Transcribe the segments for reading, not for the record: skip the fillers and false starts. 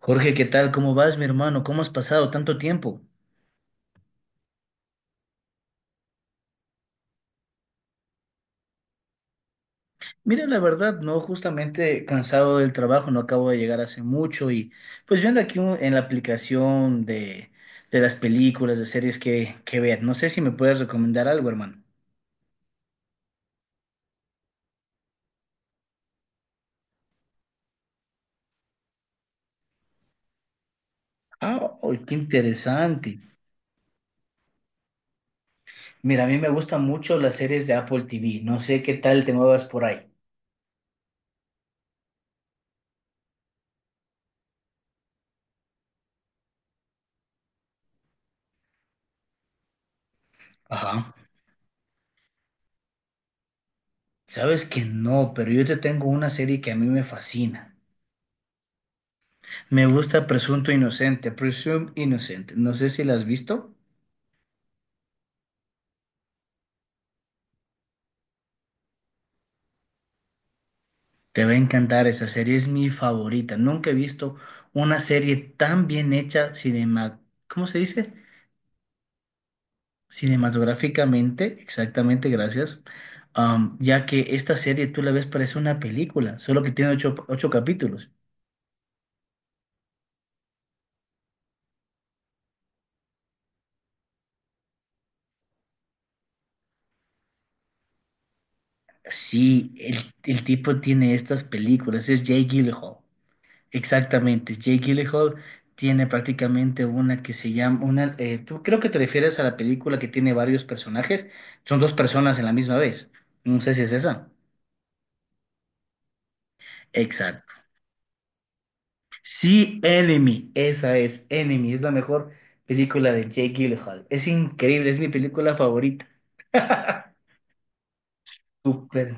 Jorge, ¿qué tal? ¿Cómo vas, mi hermano? ¿Cómo has pasado tanto tiempo? Mira, la verdad, no, justamente cansado del trabajo, no acabo de llegar hace mucho y pues viendo aquí en la aplicación de las películas, de series que ver, no sé si me puedes recomendar algo, hermano. Ah, oh, qué interesante. Mira, a mí me gustan mucho las series de Apple TV, no sé qué tal te muevas por ahí. Ajá. Sabes que no, pero yo te tengo una serie que a mí me fascina. Me gusta Presunto Inocente, Presume Innocent. No sé si la has visto. Te va a encantar esa serie, es mi favorita. Nunca he visto una serie tan bien hecha cinema, ¿cómo se dice? Cinematográficamente, exactamente, gracias. Ya que esta serie tú la ves parece una película, solo que tiene ocho capítulos. Sí, el tipo tiene estas películas, es Jay Gyllenhaal. Exactamente, Jake Gyllenhaal tiene prácticamente una que se llama, una, tú creo que te refieres a la película que tiene varios personajes, son dos personas en la misma vez, no sé si es esa. Exacto. Sí, Enemy, esa es Enemy, es la mejor película de Jake Gyllenhaal, es increíble, es mi película favorita. Súper.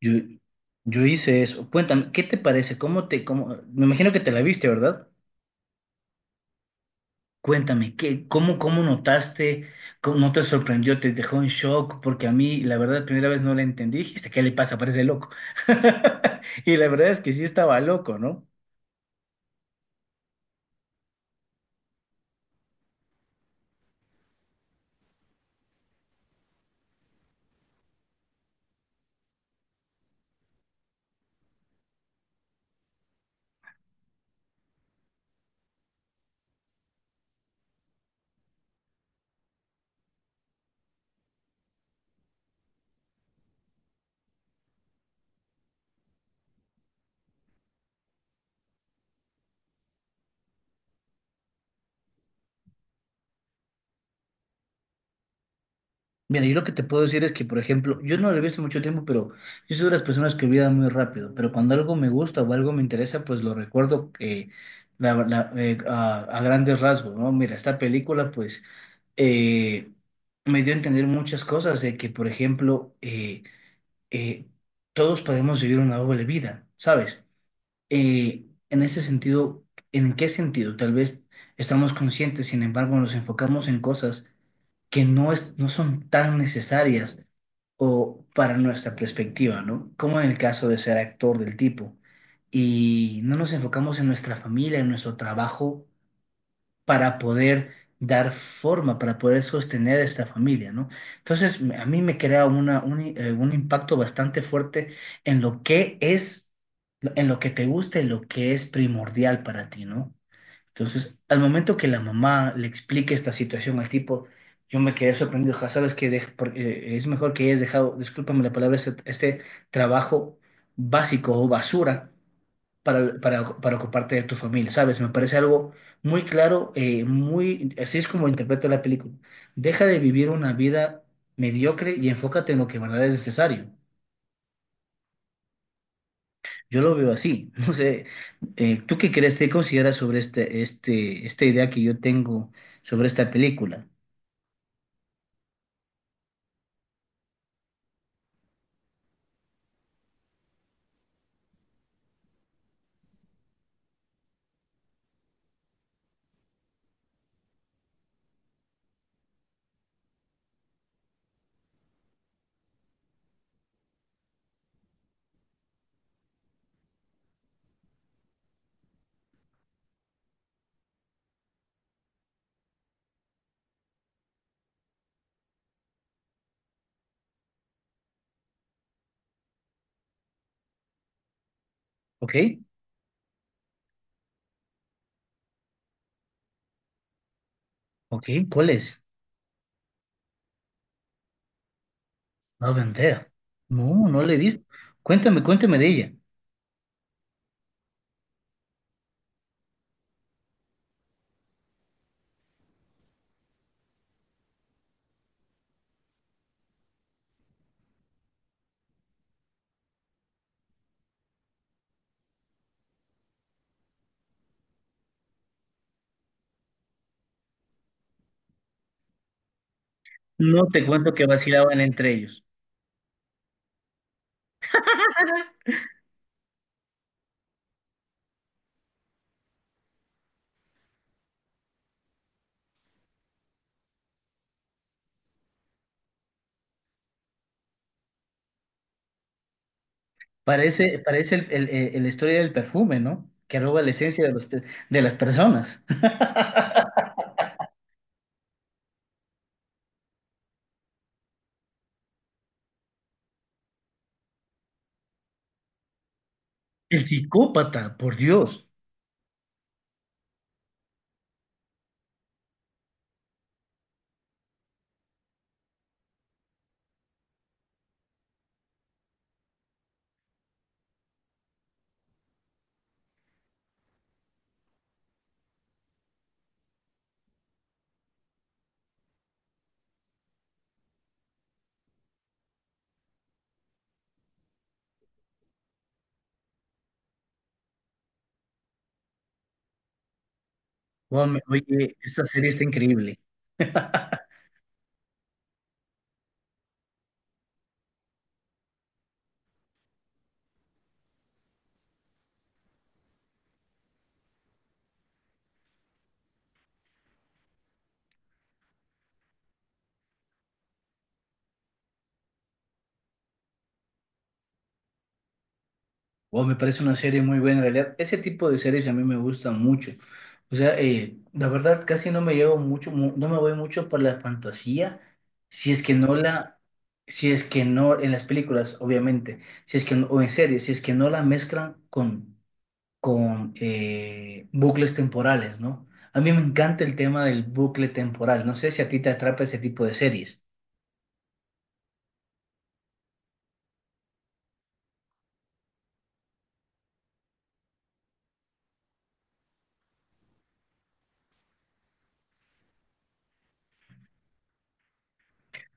Yo, yo hice eso. Cuéntame, ¿qué te parece? ¿Cómo me imagino que te la viste, verdad? Cuéntame, ¿qué, cómo notaste? ¿Cómo no te sorprendió? ¿Te dejó en shock? Porque a mí, la verdad, la primera vez no la entendí. Dijiste, ¿qué le pasa? Parece loco. Y la verdad es que sí estaba loco, ¿no? Mira, yo lo que te puedo decir es que, por ejemplo, yo no lo he visto mucho tiempo, pero yo soy de las personas que olvidan muy rápido. Pero cuando algo me gusta o algo me interesa, pues lo recuerdo a grandes rasgos, ¿no? Mira, esta película, pues, eh, me dio a entender muchas cosas de que, por ejemplo, eh, todos podemos vivir una doble vida, ¿sabes? En ese sentido, ¿en qué sentido? Tal vez estamos conscientes, sin embargo, nos enfocamos en cosas que no es, no son tan necesarias o para nuestra perspectiva, ¿no? Como en el caso de ser actor del tipo. Y no nos enfocamos en nuestra familia, en nuestro trabajo para poder dar forma, para poder sostener esta familia, ¿no? Entonces, a mí me crea un impacto bastante fuerte en lo que es, en lo que te gusta y lo que es primordial para ti, ¿no? Entonces, al momento que la mamá le explique esta situación al tipo, yo me quedé sorprendido, ja, sabes que es mejor que hayas dejado, discúlpame la palabra, este trabajo básico o basura para ocuparte de tu familia, ¿sabes? Me parece algo muy claro, así es como interpreto la película. Deja de vivir una vida mediocre y enfócate en lo que de verdad es necesario. Yo lo veo así. No sé, ¿tú qué crees, te consideras sobre esta idea que yo tengo sobre esta película? ¿Ok? ¿Ok? ¿Cuál es? No vender. No, no le he visto. Cuéntame, cuéntame de ella. No te cuento que vacilaban entre ellos. Parece la historia del perfume, ¿no? Que roba la esencia de las personas. El psicópata, por Dios. Wow, oye, esta serie está increíble. Wow, me parece una serie muy buena en realidad. Ese tipo de series a mí me gustan mucho. O sea, la verdad casi no me llevo mucho, no me voy mucho por la fantasía, si es que si es que no en las películas, obviamente, si es que o en series, si es que no la mezclan con bucles temporales, ¿no? A mí me encanta el tema del bucle temporal. No sé si a ti te atrapa ese tipo de series.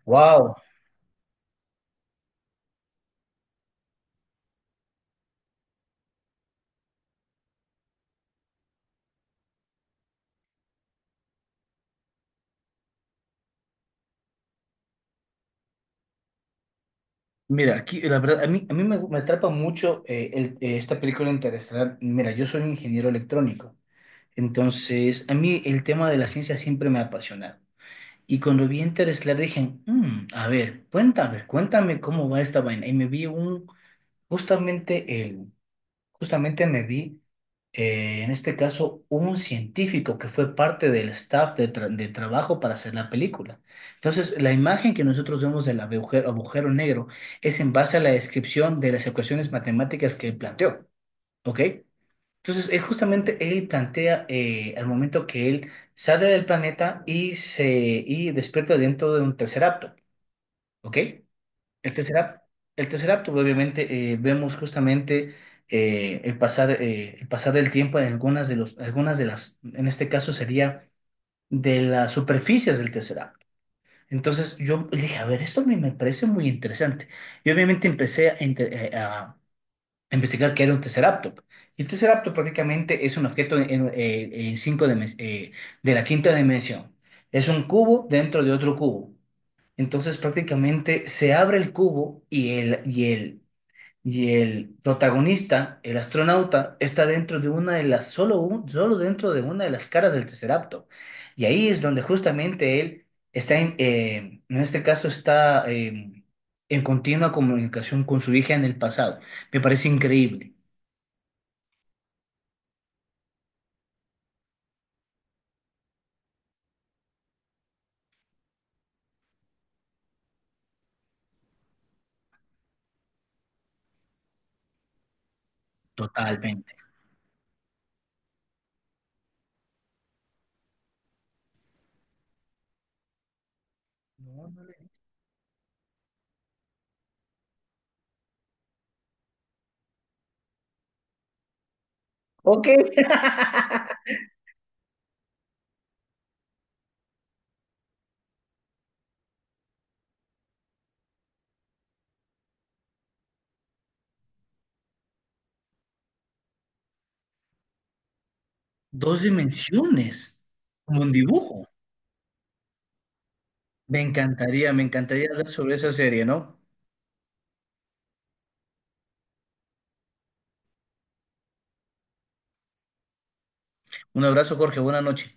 Wow. Mira, aquí la verdad, a mí me atrapa mucho esta película interestelar. Mira, yo soy un ingeniero electrónico, entonces a mí el tema de la ciencia siempre me ha apasionado. Y cuando vi Interestelar dije: A ver, cuéntame, cuéntame cómo va esta vaina". Y me vi justamente Justamente me vi, en este caso, un científico que fue parte del staff de trabajo para hacer la película. Entonces, la imagen que nosotros vemos del agujero negro es en base a la descripción de las ecuaciones matemáticas que él planteó, ¿ok? Entonces, él justamente él plantea al momento que él sale del planeta y despierta dentro de un tercer acto, ¿ok? El Tesseract, el Tesseract, obviamente, vemos justamente el pasar del tiempo en algunas de las, en este caso sería de las superficies del Tesseract. Entonces yo dije, a ver, esto me parece muy interesante. Y obviamente empecé a investigar qué era un Tesseractop. Y un Tesseractop prácticamente es un objeto en cinco de la quinta dimensión. Es un cubo dentro de otro cubo. Entonces prácticamente se abre el cubo y el protagonista, el astronauta, está dentro de una de las, solo, solo dentro de una de las caras del Tesseracto. Y ahí es donde justamente él está, en este caso está en continua comunicación con su hija en el pasado. Me parece increíble, totalmente. No, no. Ok. Dos dimensiones, como un dibujo. Me encantaría hablar sobre esa serie, ¿no? Un abrazo, Jorge. Buenas noches.